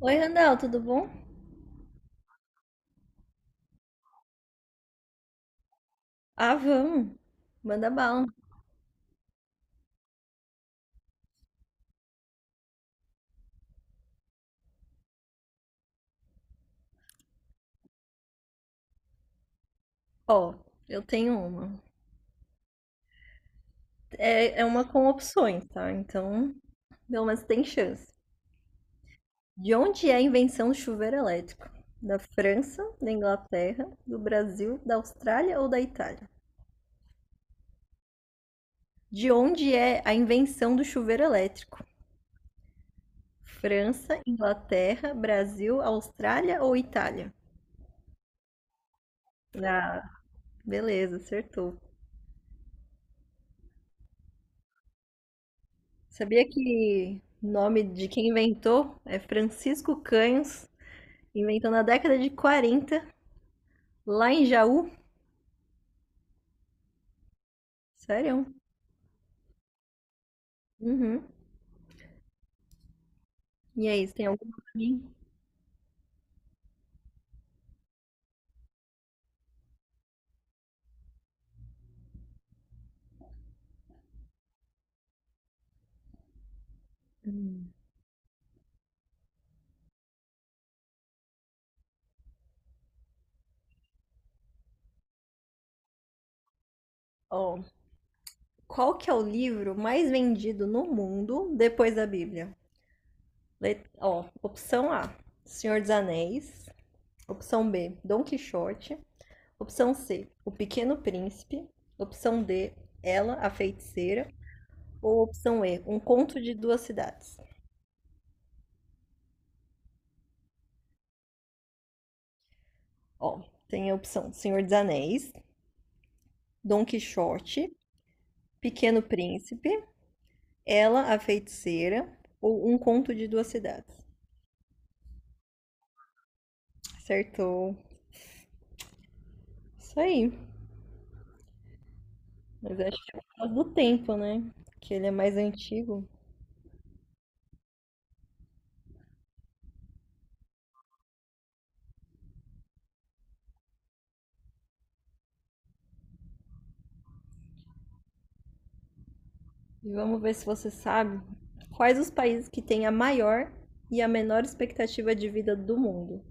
Oi, Randall, tudo bom? Ah, vamos. Manda bala. Ó, eu tenho uma. É, é uma com opções, tá? Então, pelo menos tem chance. De onde é a invenção do chuveiro elétrico? Da França, da Inglaterra, do Brasil, da Austrália ou da Itália? De onde é a invenção do chuveiro elétrico? França, Inglaterra, Brasil, Austrália ou Itália? Ah, beleza, acertou. Sabia que o nome de quem inventou é Francisco Canhos, inventou na década de 40 lá em Jaú? Sério? Uhum. E aí, você tem alguma pra mim? Ó, qual que é o livro mais vendido no mundo depois da Bíblia? Ó, opção A, Senhor dos Anéis. Opção B, Dom Quixote. Opção C, O Pequeno Príncipe. Opção D, Ela, a Feiticeira. Ou opção E, Um Conto de Duas Cidades. Ó, tem a opção Senhor dos Anéis, Dom Quixote, Pequeno Príncipe, Ela, a Feiticeira ou Um Conto de Duas Cidades. Acertou. Isso aí. Mas acho que é por causa do tempo, né? Que ele é mais antigo. E vamos ver se você sabe quais os países que têm a maior e a menor expectativa de vida do mundo.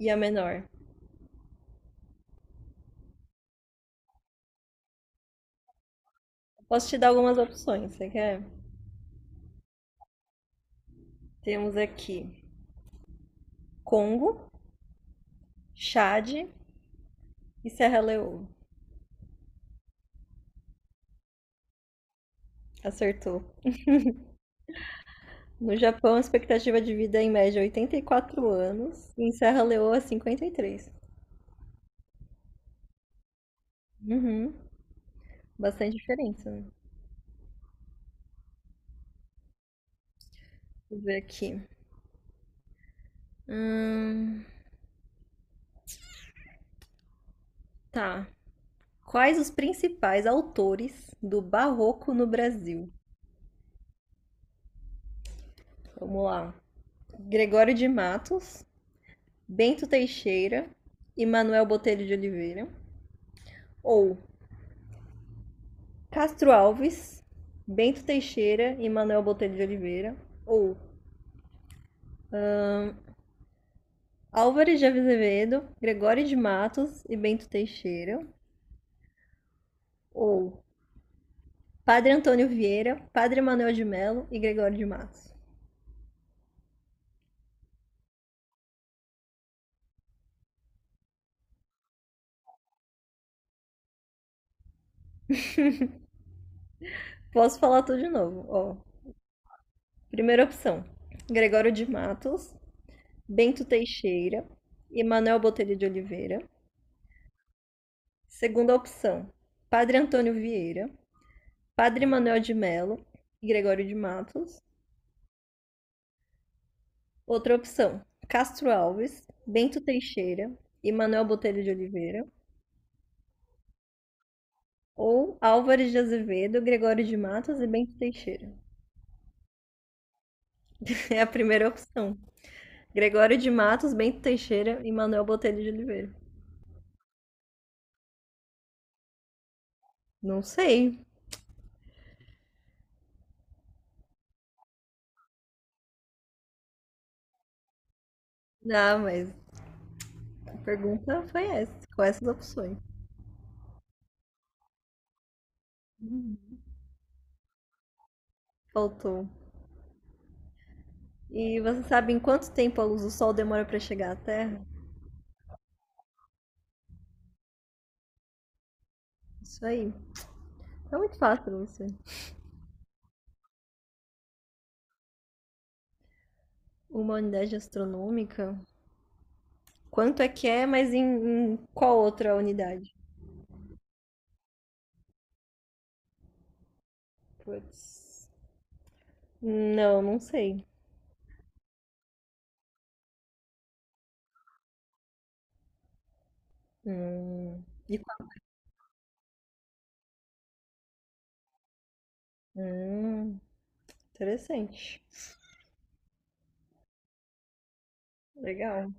E a menor. Posso te dar algumas opções, você quer? Temos aqui Congo, Chad e Serra Leoa. Acertou. No Japão, a expectativa de vida é em média é 84 anos e em Serra Leoa 53. Uhum. Bastante diferença, né? Deixa eu ver aqui. Hum, tá. Quais os principais autores do Barroco no Brasil? Vamos lá. Gregório de Matos, Bento Teixeira e Manuel Botelho de Oliveira. Ou Castro Alves, Bento Teixeira e Manuel Botelho de Oliveira. Ou Álvares de Azevedo, Gregório de Matos e Bento Teixeira. Ou Padre Antônio Vieira, Padre Manuel de Melo e Gregório de Matos. Posso falar tudo de novo, ó. Primeira opção, Gregório de Matos, Bento Teixeira e Manuel Botelho de Oliveira. Segunda opção, Padre Antônio Vieira, Padre Manuel de Melo e Gregório de Matos. Outra opção, Castro Alves, Bento Teixeira e Manuel Botelho de Oliveira. Ou Álvares de Azevedo, Gregório de Matos e Bento Teixeira. É a primeira opção. Gregório de Matos, Bento Teixeira e Manuel Botelho de Oliveira. Não sei. Ah, mas a pergunta foi essa. Com essas opções. Faltou. E você sabe em quanto tempo a luz do Sol demora para chegar à Terra? Isso aí. É muito fácil, pra você. Uma unidade astronômica. Quanto é que é, mas em qual outra unidade? Putz. Não, não sei. Hum. E qual? Hum, interessante. Legal.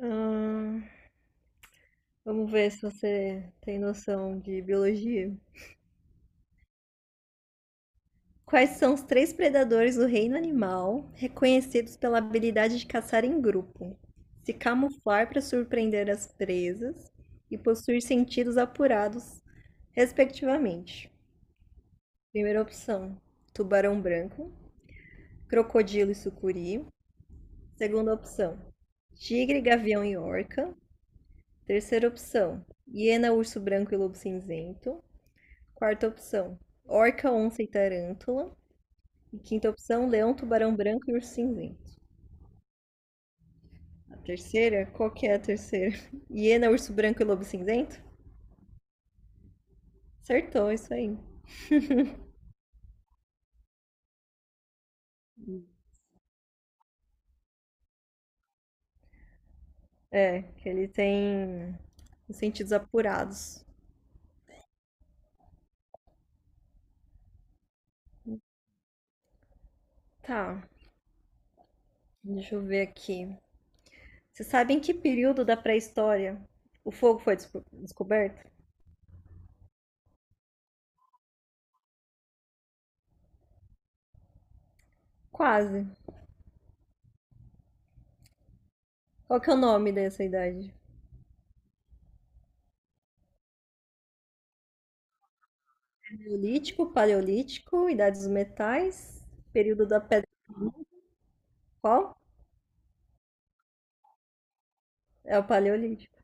Hum. Vamos ver se você tem noção de biologia. Quais são os três predadores do reino animal reconhecidos pela habilidade de caçar em grupo, se camuflar para surpreender as presas e possuir sentidos apurados, respectivamente? Primeira opção: tubarão branco, crocodilo e sucuri. Segunda opção: tigre, gavião e orca. Terceira opção: hiena, urso branco e lobo cinzento. Quarta opção, orca, onça e tarântula. E quinta opção, leão, tubarão branco e urso cinzento. A terceira, qual que é a terceira? Hiena, urso branco e lobo cinzento? Acertou, isso aí. É, que ele tem os sentidos apurados. Tá, deixa eu ver aqui. Você sabe em que período da pré-história o fogo foi descoberto? Quase. Qual que é o nome dessa idade? Neolítico, paleolítico, idade dos metais, período da pedra. Qual? É o paleolítico.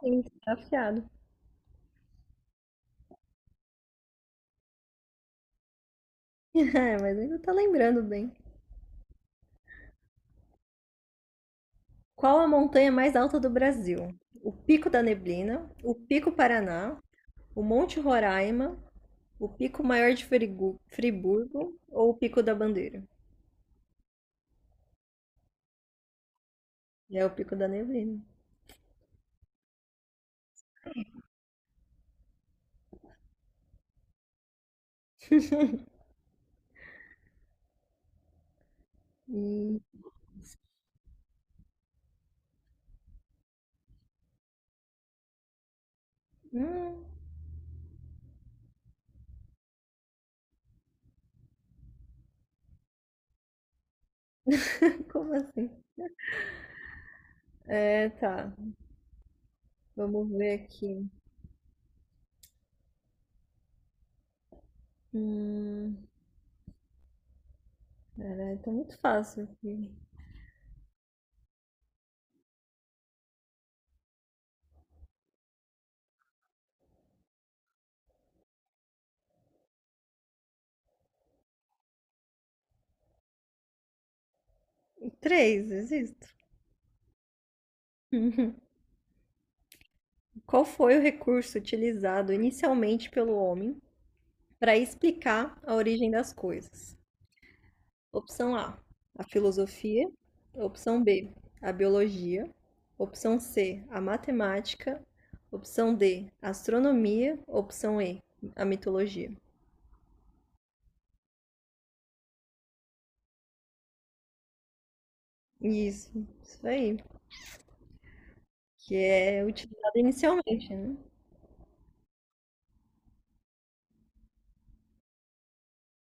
Sim, tá afiado. É, mas ainda tá lembrando bem. Qual a montanha mais alta do Brasil? O Pico da Neblina, o Pico Paraná, o Monte Roraima, o Pico Maior de Friburgo ou o Pico da Bandeira? É o Pico da Neblina. E... Hum, como assim? É, tá. Vamos ver aqui. Hum, caralho, tá muito fácil aqui. Três, existo. Qual foi o recurso utilizado inicialmente pelo homem para explicar a origem das coisas? Opção A, a filosofia. Opção B, a biologia. Opção C, a matemática. Opção D, a astronomia. Opção E, a mitologia. Isso, isso aí. Que é utilizado inicialmente, né?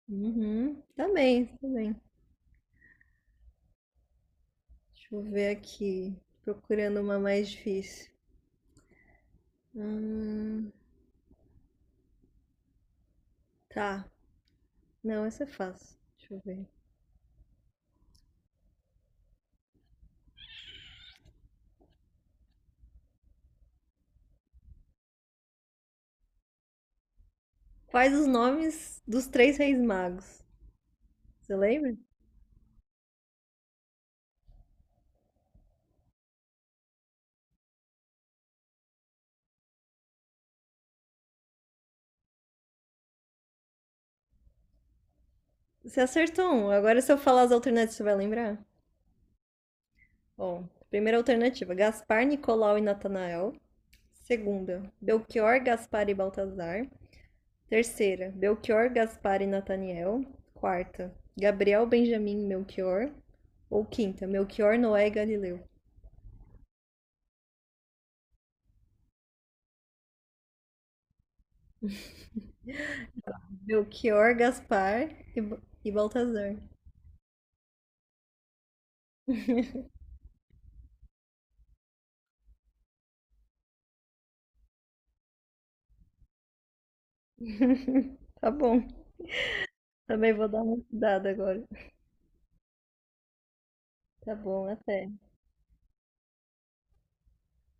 Uhum, tá bem, tá bem. Deixa eu ver aqui. Procurando uma mais difícil. Hum, tá. Não, essa é fácil. Deixa eu ver. Quais os nomes dos três reis magos? Você lembra? Você acertou um. Agora, se eu falar as alternativas, você vai lembrar? Bom, primeira alternativa: Gaspar, Nicolau e Natanael. Segunda: Belchior, Gaspar e Baltazar. Terceira: Belchior, Gaspar e Nataniel. Quarta: Gabriel, Benjamin e Melchior. Ou quinta: Melchior, Noé e Galileu. Belchior, Gaspar e Baltazar. Tá bom. Também vou dar uma estudada agora. Tá bom, até.